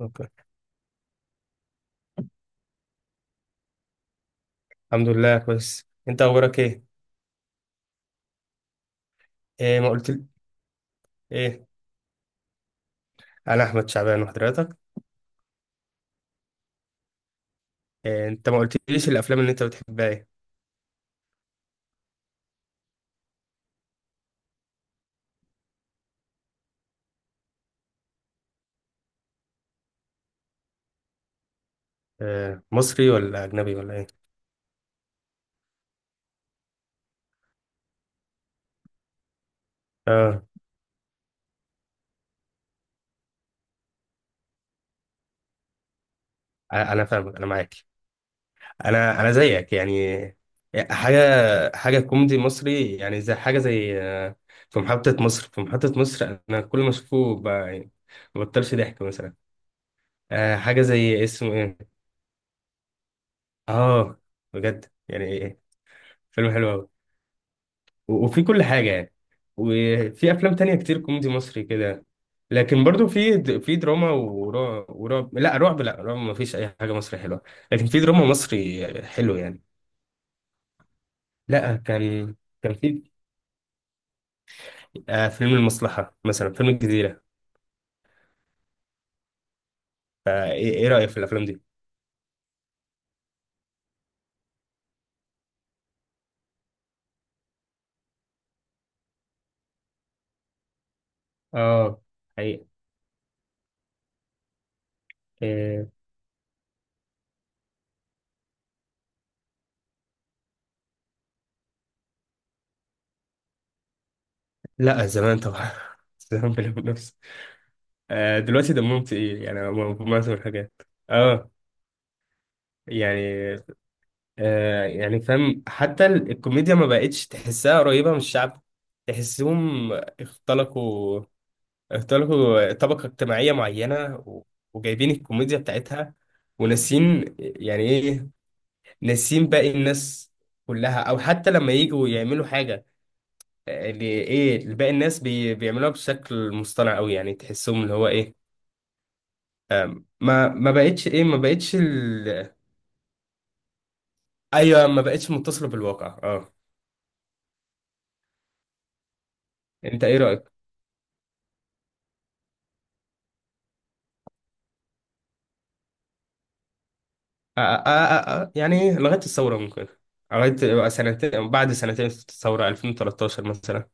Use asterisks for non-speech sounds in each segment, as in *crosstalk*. اوكي. الحمد لله، كويس. انت اخبارك ايه؟ ايه، ما قلت؟ ايه، انا احمد شعبان، وحضرتك؟ إيه، انت ما قلتليش الافلام اللي انت بتحبها ايه؟ آه، مصري ولا اجنبي ولا ايه؟ اه، انا فاهمك، انا معاك. انا زيك يعني. إيه، حاجه كوميدي مصري، يعني زي حاجه، زي في محطه مصر، انا كل ما اشوفه يعني ما بطلش ضحك مثلا. آه، حاجه زي، اسمه ايه؟ اه، بجد، يعني إيه؟ فيلم حلو أوي. وفي كل حاجة يعني. وفي أفلام تانية كتير كوميدي مصري كده. لكن برضو في في دراما ورعب، لا، رعب ما فيش أي حاجة مصري حلوة. لكن في دراما مصري حلو يعني. لا، كان، كان في آه، فيلم المصلحة مثلا، فيلم الجزيرة. فإيه، إيه رأيك في الأفلام دي؟ اه، حقيقة. آه، لا، زمان طبعا. *laughs* زمان بلا منافسة. آه، دلوقتي دمهم تقيل، يعني معظم الحاجات. اه، يعني، يعني فاهم. حتى الكوميديا ما بقتش تحسها قريبة من الشعب. تحسهم اختلقوا، اختلقوا طبقة اجتماعية معينة وجايبين الكوميديا بتاعتها، وناسين، يعني ايه، ناسين باقي الناس كلها، او حتى لما يجوا يعملوا حاجة، اللي ايه، اللي باقي الناس بيعملوها بشكل مصطنع قوي. يعني تحسهم اللي هو ايه؟ ما بقتش ايه، ما بقتش ايوه، ما بقتش متصلة بالواقع. اه، انت ايه رأيك؟ آه، آه، آه، يعني لغاية الثورة ممكن. لغاية سنتين، بعد سنتين الثورة 2013 مثلا.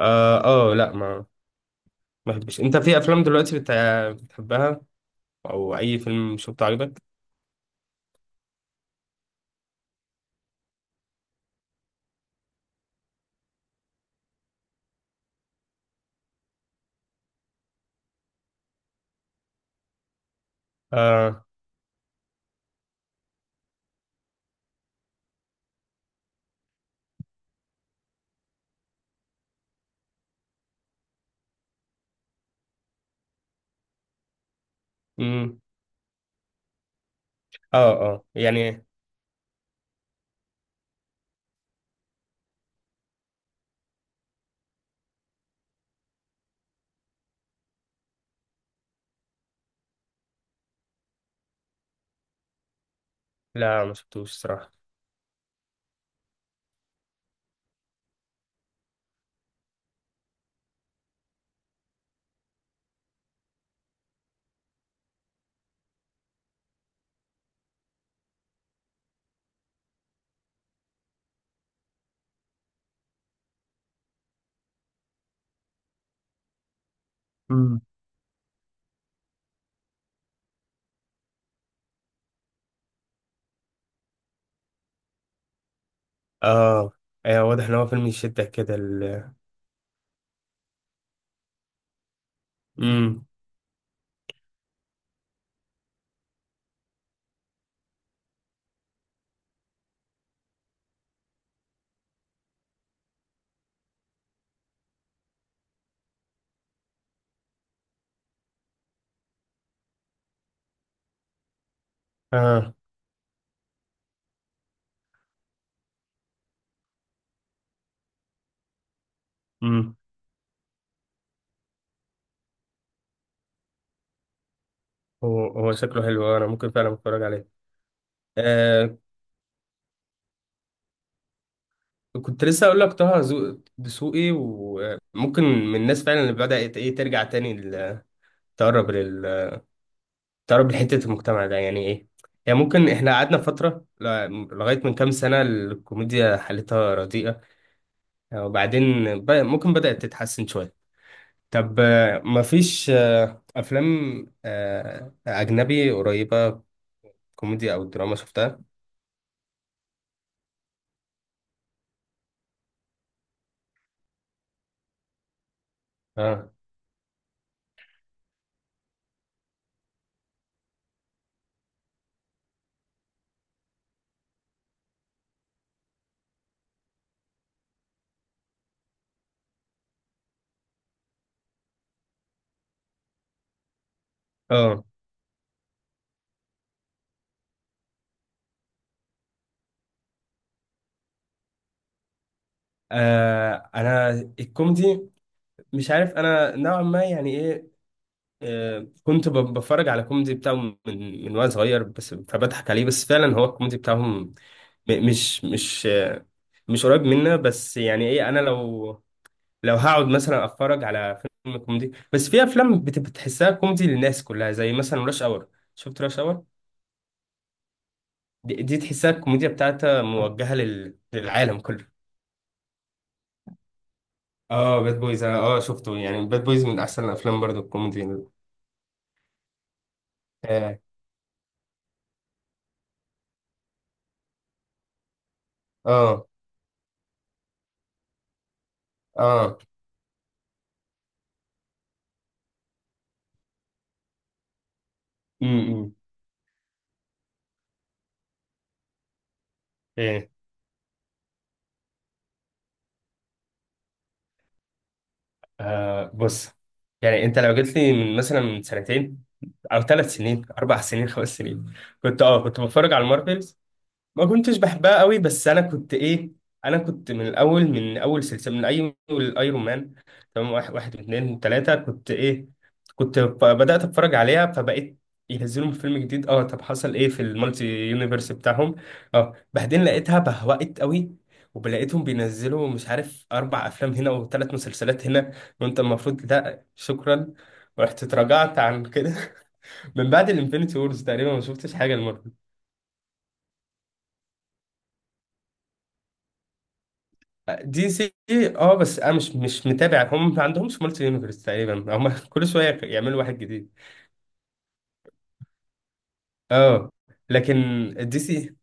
اه، آه، لا، ما بحبش. انت في افلام دلوقتي بتحبها؟ او اي فيلم شفته عجبك؟ اه، امم، اه، اه، يعني لا، ما شفتوش صراحة. امم. اه، ايوه، واضح ان هو فيلم يشدك كده ال. امم. اه، امم. هو شكله حلو، انا ممكن فعلا اتفرج عليه. كنت لسه اقول لك طه دسوقي، وممكن من الناس فعلا اللي بدأت، ايه، إيه، ترجع تاني تقرب لل، تقرب لحتة المجتمع ده، يعني ايه. يعني ممكن احنا قعدنا فترة لغاية من كام سنة الكوميديا حالتها رديئة. وبعدين، ممكن بدأت تتحسن شوية. طب، مفيش أفلام أجنبي قريبة كوميديا أو دراما شفتها؟ اه، اه. آه، انا الكوميدي، مش عارف، انا نوعا ما يعني إيه. كنت بتفرج على كوميدي بتاعهم من وانا صغير، بس فبضحك عليه. بس فعلا هو الكوميدي بتاعهم مش مش قريب منا. بس يعني ايه، انا لو، لو هقعد مثلا اتفرج على فيلم كوميدي، بس في افلام بتحسها كوميدي للناس كلها، زي مثلا راش اور. شفت راش اور؟ دي تحسها الكوميديا بتاعتها موجهة للعالم كله. اه، باد بويز، انا اه شفته. يعني باد بويز من احسن الافلام برضو الكوميدي. اه، اه، اه. امم. آه، بص. يعني انت لو جيت لي من مثلا، من سنتين، او ثلاث سنين، اربع سنين، خمس سنين، كنت، اه، كنت بتفرج على المارفل. ما كنتش بحبها قوي، بس انا كنت ايه، انا كنت من الاول، من اول سلسله، من اي الايرون مان، تمام. واحد، واحد واثنين ثلاثه، كنت ايه، كنت بدات اتفرج عليها. فبقيت ينزلوا فيلم جديد، اه، طب حصل ايه في المالتي يونيفرس بتاعهم؟ اه، بعدين لقيتها بهوقت قوي. وبلاقيتهم بينزلوا، مش عارف، اربع افلام هنا وثلاث مسلسلات هنا، وانت المفروض، لا شكرا. ورحت اتراجعت عن كده. *laughs* من بعد الانفينيتي وورز تقريبا ما شفتش حاجه. دي سي إيه؟ اه، بس انا مش متابع. هم ما عندهمش مالتي يونيفرس تقريبا. هم *laughs* كل شويه يعملوا واحد جديد. اه، لكن الدي سي،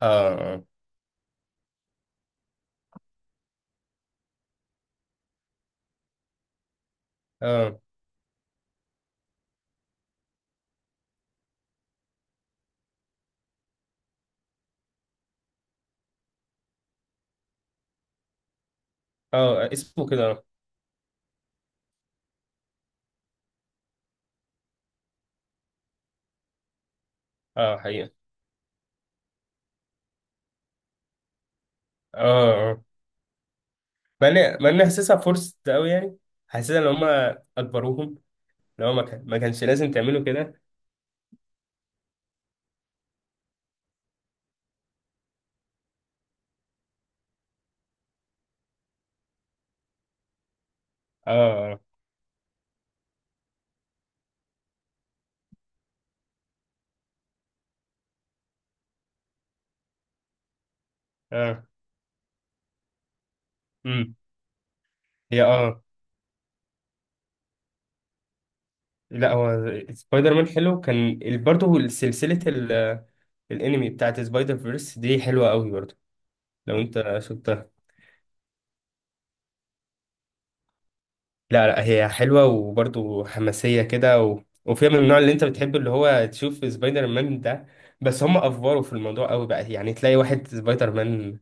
اه، اه، اه، اسمه كده، اه. آه، حقيقه. اه، اه، مع اني حاسسها فرصه قوي يعني. حاسسها ان هم اجبروهم. لو ما كانش لازم تعملوا كده. اه، اه، امم. هي اه، لا، هو سبايدر مان حلو كان. برضه سلسله الانمي بتاعت سبايدر فيرس دي حلوه قوي برضه، لو انت شفتها. لا، لا، هي حلوة وبرضه حماسية كده. وفيها من النوع اللي انت بتحبه، اللي هو تشوف سبايدر مان ده. بس هم افوروا في الموضوع قوي بقى، يعني تلاقي واحد سبايدر مان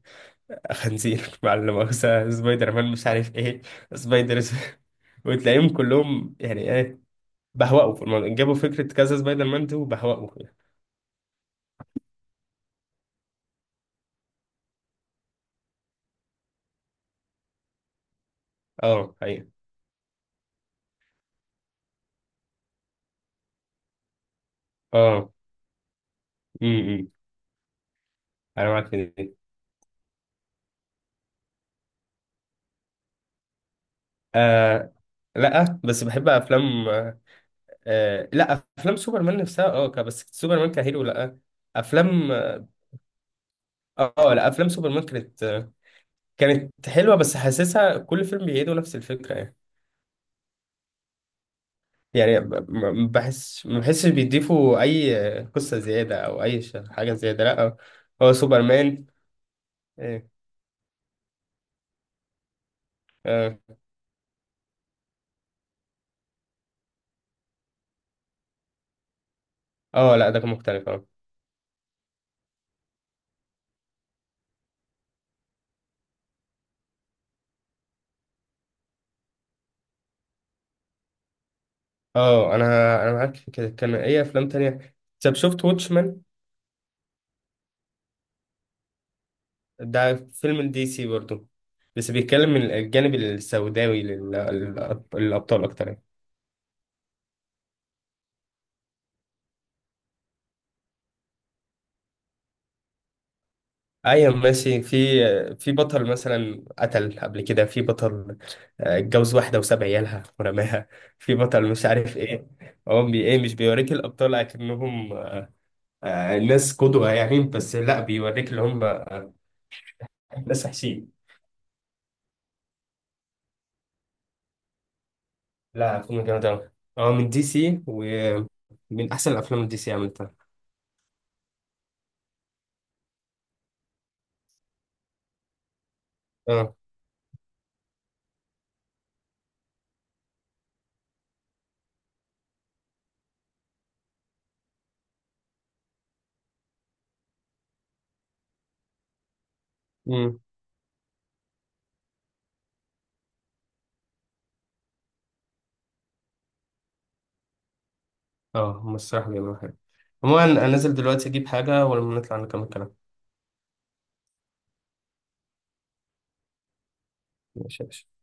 خنزير، *laughs* مع لا مؤاخذة، سبايدر مان مش عارف ايه، سبايدر س- *laughs* وتلاقيهم كلهم، يعني ايه، بهوأوا في الموضوع. جابوا فكرة كذا سبايدر مان دي وبهوأوا فيها. اه، حقيقة. اه، امم، انا معاك في دي. آه، لا بس بحب افلام. آه، لا، افلام سوبرمان نفسها اه بس سوبرمان كهيرو لا. افلام اه، آه، لا، افلام سوبرمان كانت، كانت حلوه. بس حاسسها كل فيلم بيعيدوا نفس الفكره يعني. يعني ما بحسش بيضيفوا اي قصه زياده، او اي حاجه زياده، لا. هو سوبرمان إيه. اه، اه، لا، ده كان مختلف. اه، اه انا معاك في كده. كان ايه افلام تانية؟ طب شفت واتشمان؟ ده فيلم دي سي برضه، بس بيتكلم من الجانب السوداوي للأبطال أكتر يعني. أيوة، ماشي، في، في بطل مثلا قتل قبل كده، في بطل اتجوز واحدة وساب عيالها ورماها، في بطل مش عارف إيه. هو بي إيه مش بيوريك الأبطال أكنهم ناس قدوة يعني، بس لا، بيوريك اللي هم ناس وحشين. لا، فيلم جامد أوي. هو من دي سي ومن أحسن الأفلام اللي دي سي عملتها. اه، اه. هم الصراحة بيعملوا حاجة. عموما أنا نازل دلوقتي أجيب حاجة، ولما نطلع نكمل كلام. ماشي يا باشا.